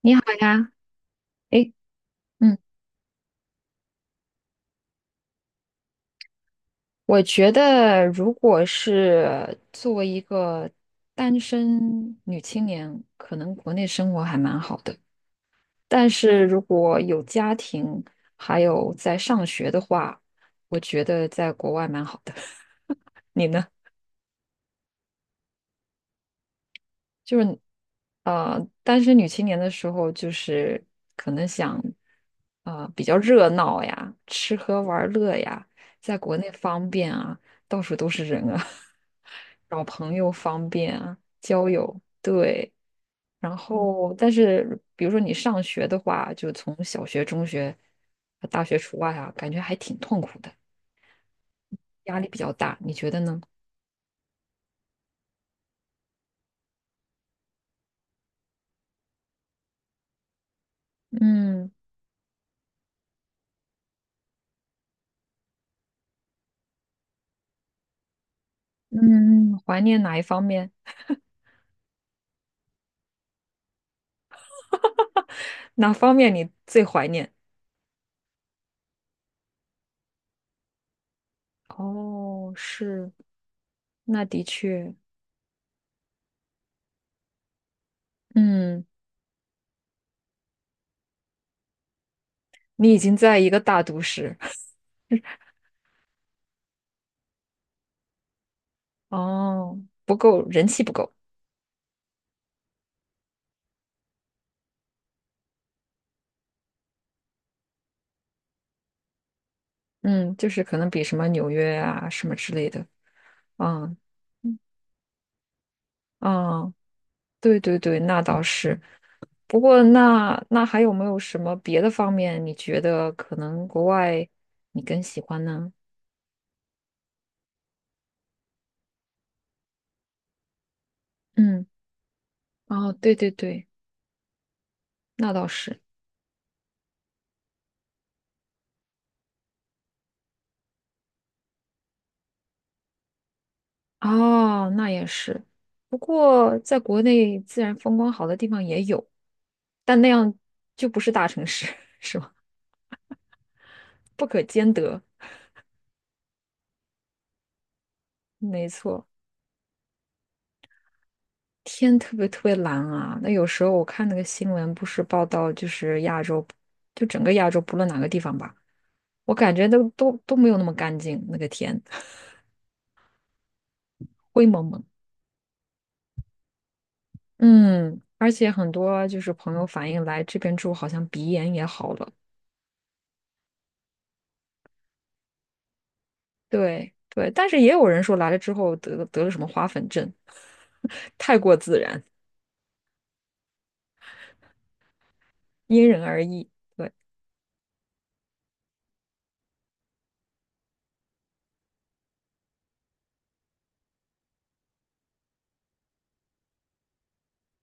你好呀，诶，嗯，我觉得如果是作为一个单身女青年，可能国内生活还蛮好的。但是如果有家庭，还有在上学的话，我觉得在国外蛮好的。你呢？就是单身女青年的时候，就是可能想比较热闹呀，吃喝玩乐呀，在国内方便啊，到处都是人啊，找朋友方便啊，交友对。然后，但是比如说你上学的话，就从小学、中学、大学除外啊，感觉还挺痛苦的，压力比较大，你觉得呢？嗯嗯，怀念哪一方面？哪方面你最怀念？哦，是，那的确，嗯，你已经在一个大都市，哦，人气不够，嗯，就是可能比什么纽约啊什么之类的，嗯嗯，嗯对对对，那倒是。不过那那还有没有什么别的方面，你觉得可能国外你更喜欢呢？嗯，哦，对对对，那倒是。哦，那也是。不过，在国内自然风光好的地方也有，但那样就不是大城市，是吗？不可兼得。没错，天特别特别蓝啊。那有时候我看那个新闻，不是报道就是亚洲，就整个亚洲不论哪个地方吧，我感觉都没有那么干净，那个天 灰蒙蒙。嗯，而且很多就是朋友反映来这边住，好像鼻炎也好了。对对，但是也有人说来了之后得了什么花粉症，太过自然，因人而异。对，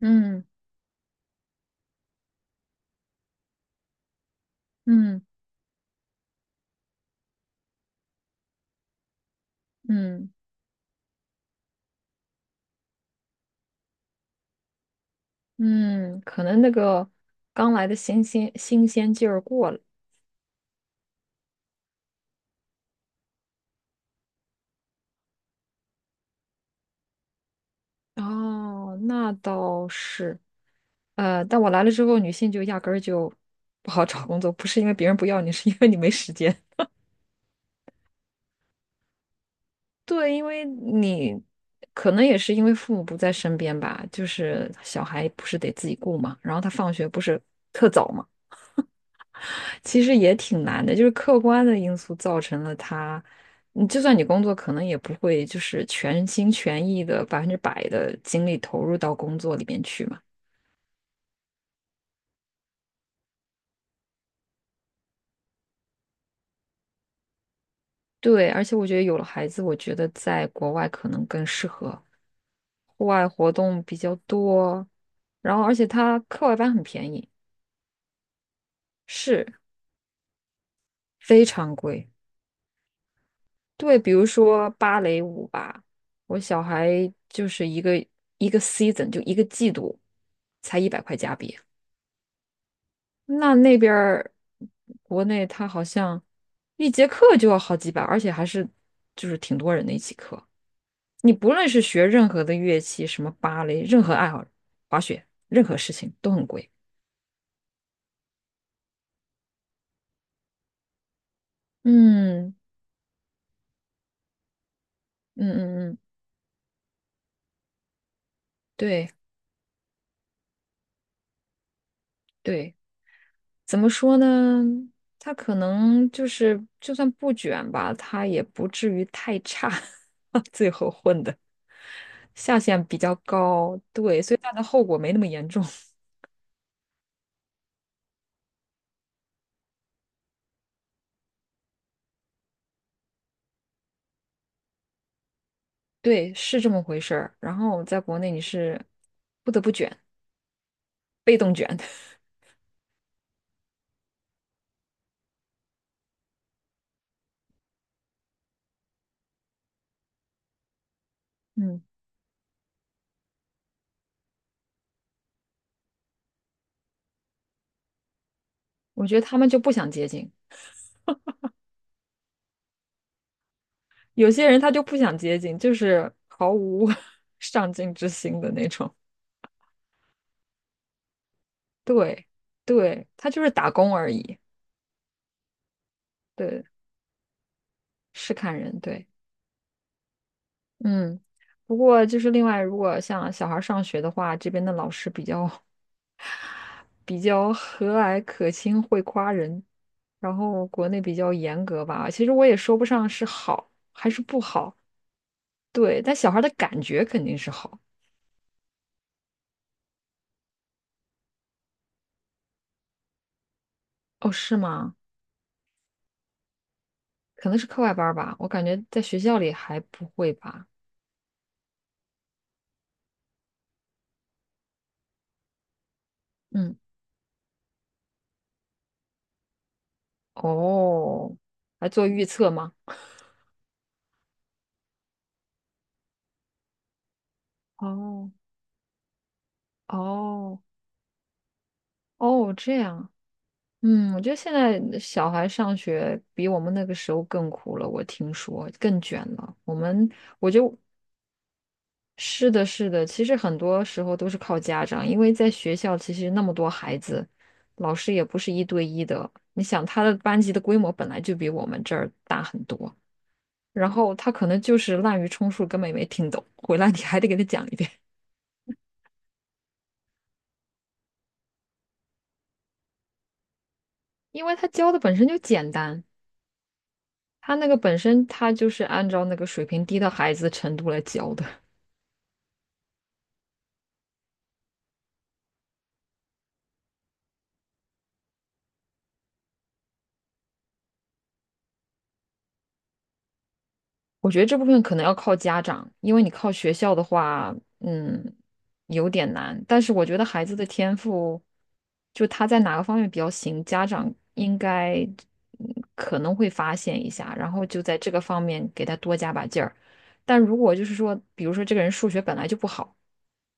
嗯嗯嗯嗯，可能那个刚来的新鲜劲儿过了。哦，那倒是。但我来了之后，女性就压根儿就不好找工作，不是因为别人不要你，是因为你没时间。对，因为你可能也是因为父母不在身边吧，就是小孩不是得自己顾嘛，然后他放学不是特早嘛，其实也挺难的，就是客观的因素造成了他，你就算你工作，可能也不会就是全心全意的百分之百的精力投入到工作里面去嘛。对，而且我觉得有了孩子，我觉得在国外可能更适合，户外活动比较多，然后而且他课外班很便宜，是非常贵。对，比如说芭蕾舞吧，我小孩就是一个 season 就一个季度才100块加币，那那边儿国内他好像一节课就要好几百，而且还是就是挺多人的一起课。你不论是学任何的乐器，什么芭蕾，任何爱好，滑雪，任何事情都很贵。嗯嗯嗯嗯，对对，怎么说呢？他可能就是，就算不卷吧，他也不至于太差，最后混的下限比较高，对，所以他的后果没那么严重。对，是这么回事儿。然后在国内你是不得不卷，被动卷。嗯，我觉得他们就不想接近，有些人他就不想接近，就是毫无 上进之心的那种。对，对，他就是打工而已。对，是看人，对。嗯，不过就是另外，如果像小孩儿上学的话，这边的老师比较 比较和蔼可亲，会夸人，然后国内比较严格吧。其实我也说不上是好还是不好，对，但小孩儿的感觉肯定是好。哦，是吗？可能是课外班儿吧，我感觉在学校里还不会吧。嗯，哦，来做预测吗？哦哦哦，这样啊嗯，我觉得现在小孩上学比我们那个时候更苦了，我听说更卷了。我就是的，是的，其实很多时候都是靠家长，因为在学校其实那么多孩子，老师也不是一对一的。你想他的班级的规模本来就比我们这儿大很多，然后他可能就是滥竽充数，根本也没听懂，回来你还得给他讲一遍，因为他教的本身就简单，他那个本身他就是按照那个水平低的孩子的程度来教的。我觉得这部分可能要靠家长，因为你靠学校的话，嗯，有点难。但是我觉得孩子的天赋，就他在哪个方面比较行，家长应该可能会发现一下，然后就在这个方面给他多加把劲儿。但如果就是说，比如说这个人数学本来就不好，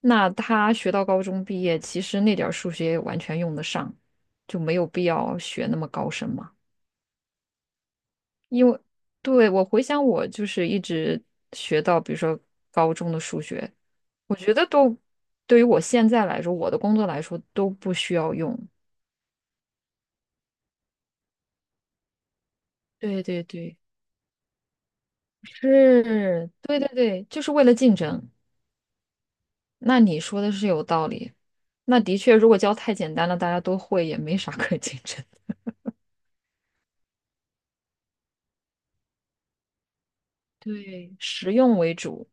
那他学到高中毕业，其实那点儿数学也完全用得上，就没有必要学那么高深嘛。对，我回想我就是一直学到，比如说高中的数学，我觉得都对于我现在来说，我的工作来说都不需要用。对对对，是，对对对，就是为了竞争。那你说的是有道理。那的确，如果教太简单了，大家都会，也没啥 可竞争。对，实用为主。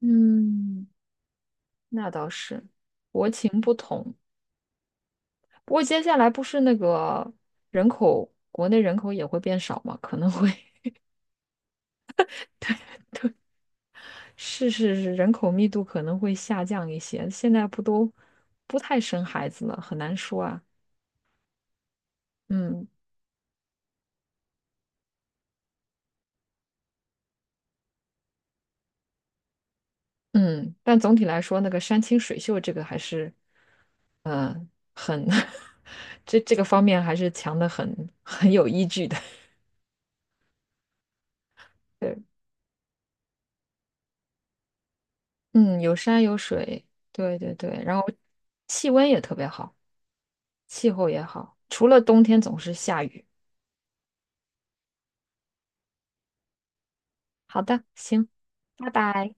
嗯，那倒是，国情不同。不过接下来不是那个人口，国内人口也会变少嘛，可能会 是是是，人口密度可能会下降一些。现在不都不太生孩子了，很难说啊。嗯嗯，但总体来说，那个山清水秀这个还是嗯呃很 这这个方面还是强的很，很有依据的。对，嗯，有山有水，对对对，然后气温也特别好，气候也好，除了冬天总是下雨。好的，行。拜拜。